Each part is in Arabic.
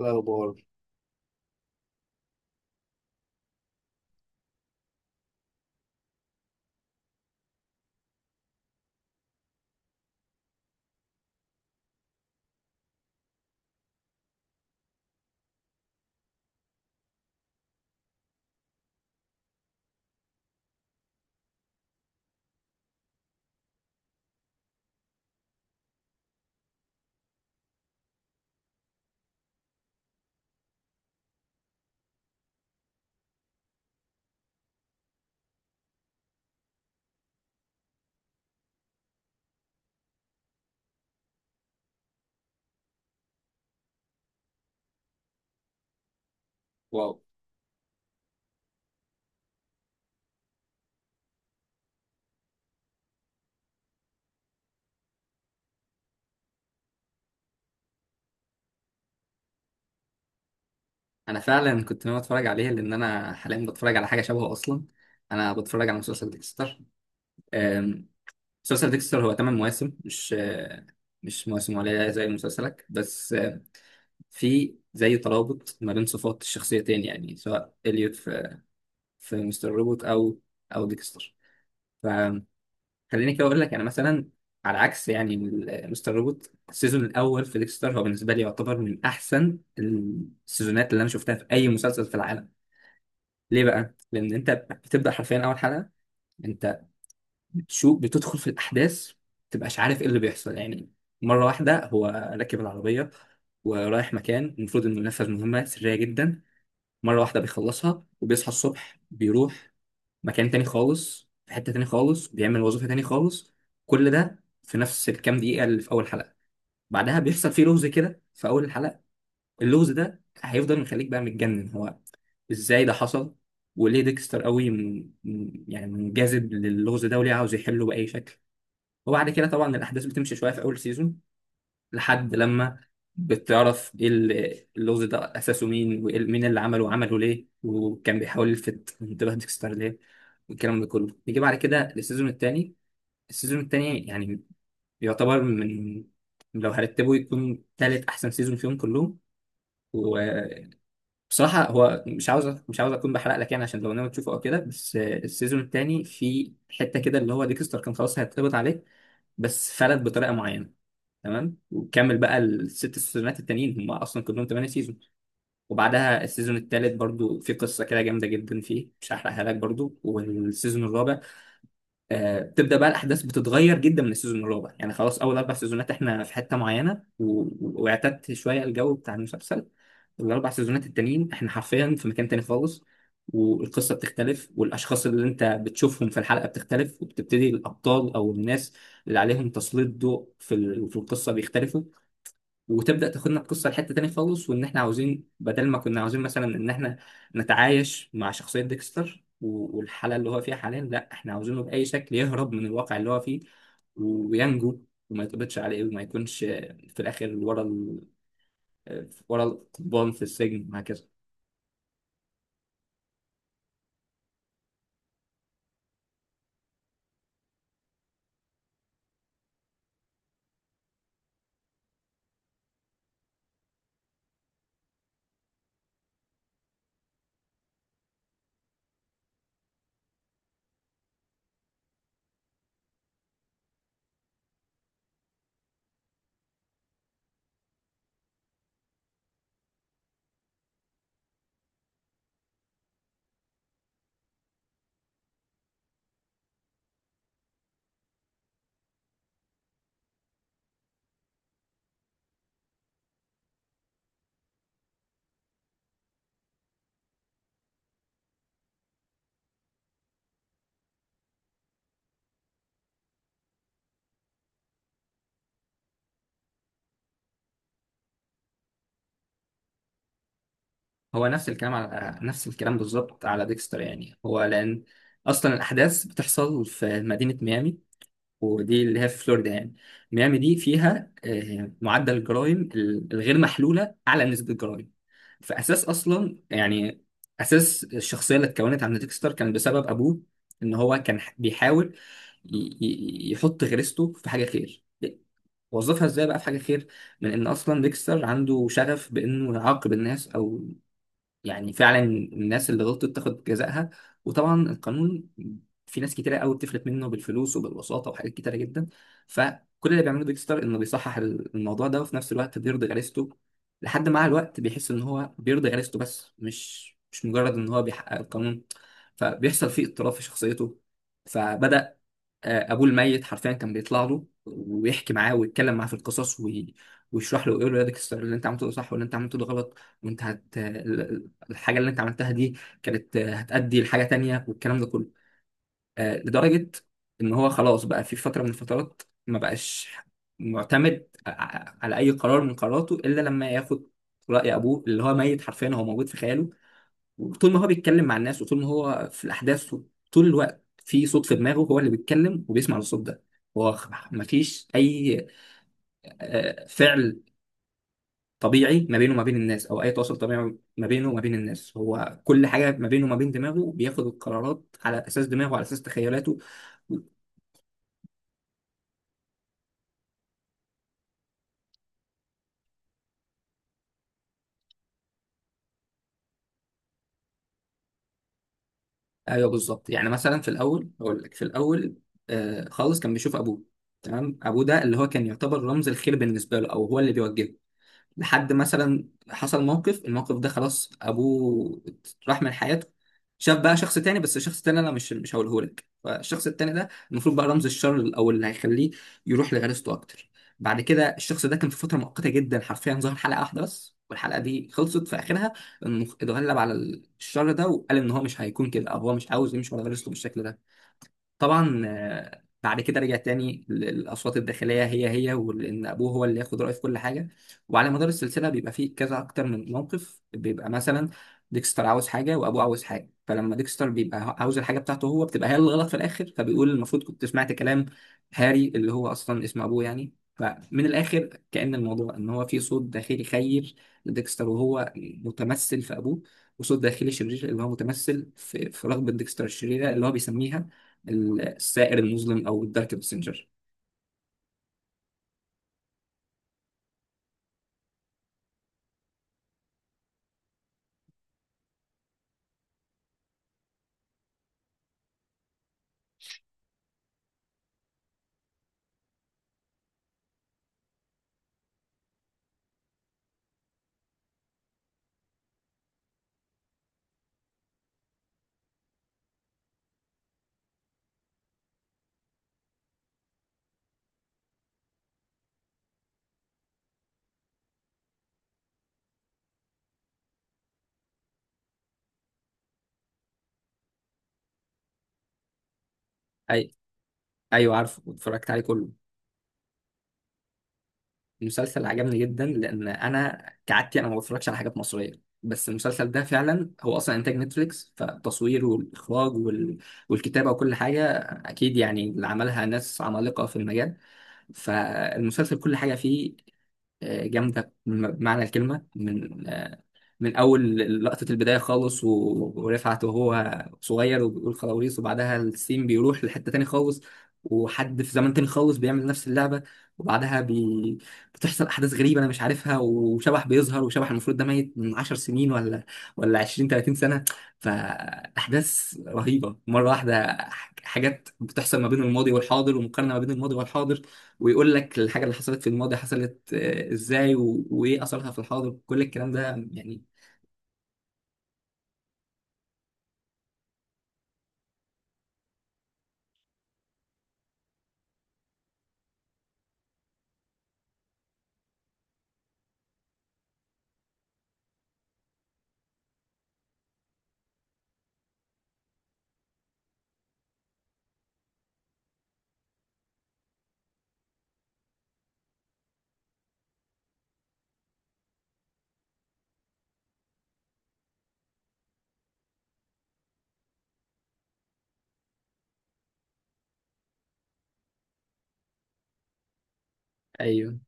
الأخبار. واو. انا فعلا كنت ناوي اتفرج عليه لان انا حاليا بتفرج على حاجه شبهه اصلا. انا بتفرج على مسلسل ديكستر. أم، مسلسل ديكستر هو 8 مواسم، مش مش مواسم قليله زي مسلسلك، بس في زي ترابط ما بين صفات الشخصيتين، يعني سواء اليوت في مستر روبوت او ديكستر. فخليني كده اقول لك انا مثلا على عكس يعني مستر روبوت، السيزون الاول في ديكستر هو بالنسبه لي يعتبر من احسن السيزونات اللي انا شفتها في اي مسلسل في العالم. ليه بقى؟ لأن أنت بتبدأ حرفيا أول حلقة. أنت بتشوف، بتدخل في الأحداث، متبقاش عارف إيه اللي بيحصل يعني. مرة واحدة هو راكب العربية ورايح مكان المفروض إنه ينفذ مهمة سرية جدا. مرة واحدة بيخلصها وبيصحى الصبح بيروح مكان تاني خالص، في حتة تاني خالص، بيعمل وظيفة تاني خالص. كل ده في نفس الكام دقيقة اللي في أول حلقة. بعدها بيحصل فيه لغز كده في أول الحلقة. اللغز ده هيفضل مخليك بقى متجنن. هو ازاي ده حصل؟ وليه ديكستر قوي يعني منجذب للغز ده وليه عاوز يحله بأي شكل؟ وبعد كده طبعا الأحداث بتمشي شوية في أول سيزون، لحد لما بتعرف ايه اللغز ده أساسه مين ومين اللي عمله وعمله ليه وكان بيحاول يلفت انتباه ديكستر ليه. والكلام ده كله نيجي بعد كده للسيزون التاني. السيزون التاني يعني يعتبر من، لو هرتبه يكون تالت أحسن سيزون فيهم كلهم. بصراحة هو مش عاوز أكون بحرق لك، يعني عشان لو ناوي تشوفه أو كده، بس السيزون التاني في حتة كده اللي هو ديكستر كان خلاص هيتقبض عليه بس فلت بطريقة معينة. تمام. وكمل بقى الست سيزونات التانيين، هم أصلا كلهم تمانية سيزون. وبعدها السيزون التالت برضو في قصة كده جامدة جدا فيه، مش هحرقها لك برضو. والسيزون الرابع بتبدا بقى الاحداث بتتغير جدا من السيزون الرابع. يعني خلاص اول اربع سيزونات احنا في حته معينه واعتدت شويه الجو بتاع المسلسل. الاربع سيزونات التانيين احنا حرفيا في مكان تاني خالص، والقصه بتختلف، والاشخاص اللي انت بتشوفهم في الحلقه بتختلف، وبتبتدي الابطال او الناس اللي عليهم تسليط ضوء في في القصه بيختلفوا. وتبدا تاخدنا القصه لحته تاني خالص، وان احنا عاوزين بدل ما كنا عاوزين مثلا ان احنا نتعايش مع شخصيه ديكستر والحاله اللي هو فيها حاليا، لا احنا عاوزينه باي شكل يهرب من الواقع اللي هو فيه وينجو، وما يتقبضش عليه وما يكونش في الاخر ورا ورا القضبان في السجن وهكذا. هو نفس الكلام، على نفس الكلام بالظبط على ديكستر يعني. هو لان اصلا الاحداث بتحصل في مدينه ميامي، ودي اللي هي في فلوريدا يعني. ميامي دي فيها معدل الجرائم الغير محلولة أعلى نسبة جرائم. فأساس أصلا يعني أساس الشخصية اللي اتكونت عند ديكستر كان بسبب أبوه. إن هو كان بيحاول يحط غريزته في حاجة خير. وظفها ازاي بقى في حاجة خير؟ من إن أصلا ديكستر عنده شغف بإنه يعاقب الناس، أو يعني فعلا الناس اللي غلطت تاخد جزائها. وطبعا القانون في ناس كتيرة قوي بتفلت منه بالفلوس وبالوساطة وحاجات كتيرة جدا. فكل اللي بيعمله بيج ستار انه بيصحح الموضوع ده، وفي نفس الوقت بيرضي غريزته. لحد مع الوقت بيحس ان هو بيرضي غريزته بس، مش مجرد ان هو بيحقق القانون. فبيحصل فيه اضطراب في شخصيته. فبدأ ابوه الميت حرفيا كان بيطلع له ويحكي معاه ويتكلم معاه في القصص ويشرح له ويقول له يا ديك: اللي انت عملته ده صح واللي انت عملته ده غلط، وانت هت الحاجه اللي انت عملتها دي كانت هتأدي لحاجه تانية، والكلام ده كله. لدرجه ان هو خلاص بقى في فتره من الفترات ما بقاش معتمد على اي قرار من قراراته الا لما ياخد رأي ابوه، اللي هو ميت حرفيا، هو موجود في خياله. طول ما هو بيتكلم مع الناس وطول ما هو في الأحداث، طول الوقت في صوت في دماغه هو اللي بيتكلم وبيسمع الصوت ده. هو مفيش أي فعل طبيعي ما بينه وما بين الناس، أو أي تواصل طبيعي ما بينه وما بين الناس. هو كل حاجة ما بينه وما بين دماغه، بياخد القرارات على أساس دماغه، على أساس تخيلاته. أيوه بالظبط. يعني مثلا في الأول، أقول لك في الأول خالص كان بيشوف أبوه. تمام، أبوه ده اللي هو كان يعتبر رمز الخير بالنسبة له، أو هو اللي بيوجهه. لحد مثلا حصل موقف، الموقف ده خلاص ابوه راح من حياته. شاف بقى شخص تاني، بس الشخص التاني انا مش هقوله لك. فالشخص التاني ده المفروض بقى رمز الشر، او اللي هيخليه يروح لغريزته اكتر. بعد كده الشخص ده كان في فتره مؤقته جدا حرفيا، ظهر حلقه واحده بس والحلقه دي خلصت في اخرها انه اتغلب على الشر ده، وقال ان هو مش هيكون كده، او هو مش عاوز يمشي ورا غريزته بالشكل ده. طبعا بعد كده رجع تاني للأصوات الداخلية هي هي، وإن أبوه هو اللي ياخد رأيه في كل حاجة. وعلى مدار السلسلة بيبقى فيه كذا أكتر من موقف، بيبقى مثلا ديكستر عاوز حاجة وأبوه عاوز حاجة، فلما ديكستر بيبقى عاوز الحاجة بتاعته هو، بتبقى هي اللي غلط في الآخر، فبيقول المفروض كنت سمعت كلام هاري، اللي هو أصلا اسم أبوه يعني. فمن الآخر كأن الموضوع إن هو في صوت داخلي خير لديكستر، وهو متمثل في أبوه، وصوت داخلي شرير اللي هو متمثل في رغبة ديكستر الشريرة اللي هو بيسميها السائر المظلم او الدارك باسنجر. اي، ايوه عارفه واتفرجت عليه كله. المسلسل عجبني جدا لان انا كعادتي انا ما بتفرجش على حاجات مصريه، بس المسلسل ده فعلا هو اصلا انتاج نتفليكس، فالتصوير والاخراج والكتابه وكل حاجه اكيد يعني اللي عملها ناس عمالقه في المجال. فالمسلسل كل حاجه فيه جامده بمعنى الكلمه. من اول لقطه البدايه خالص ورفعت وهو صغير وبيقول خلاويص، وبعدها السين بيروح لحته تاني خالص، وحد في زمن تاني خالص بيعمل نفس اللعبه. وبعدها بتحصل احداث غريبه انا مش عارفها، وشبح بيظهر، وشبح المفروض ده ميت من 10 سنين ولا 20 30 سنه. فاحداث رهيبه مره واحده. حاجات بتحصل ما بين الماضي والحاضر، ومقارنه ما بين الماضي والحاضر. ويقول لك الحاجه اللي حصلت في الماضي حصلت ازاي، وايه اثرها في الحاضر، كل الكلام ده يعني. ايوه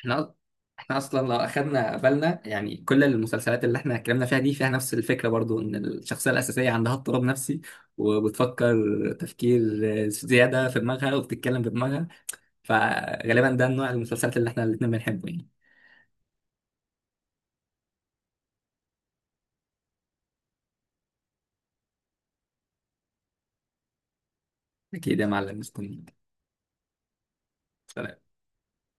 احنا احنا اصلا لو اخدنا بالنا يعني، كل المسلسلات اللي احنا اتكلمنا فيها دي فيها نفس الفكره برضو، ان الشخصيه الاساسيه عندها اضطراب نفسي، وبتفكر تفكير زياده في دماغها، وبتتكلم بدماغها. فغالبا ده النوع المسلسلات اللي احنا الاتنين بنحبه يعني. اكيد يا معلم، مستنيك. سلام.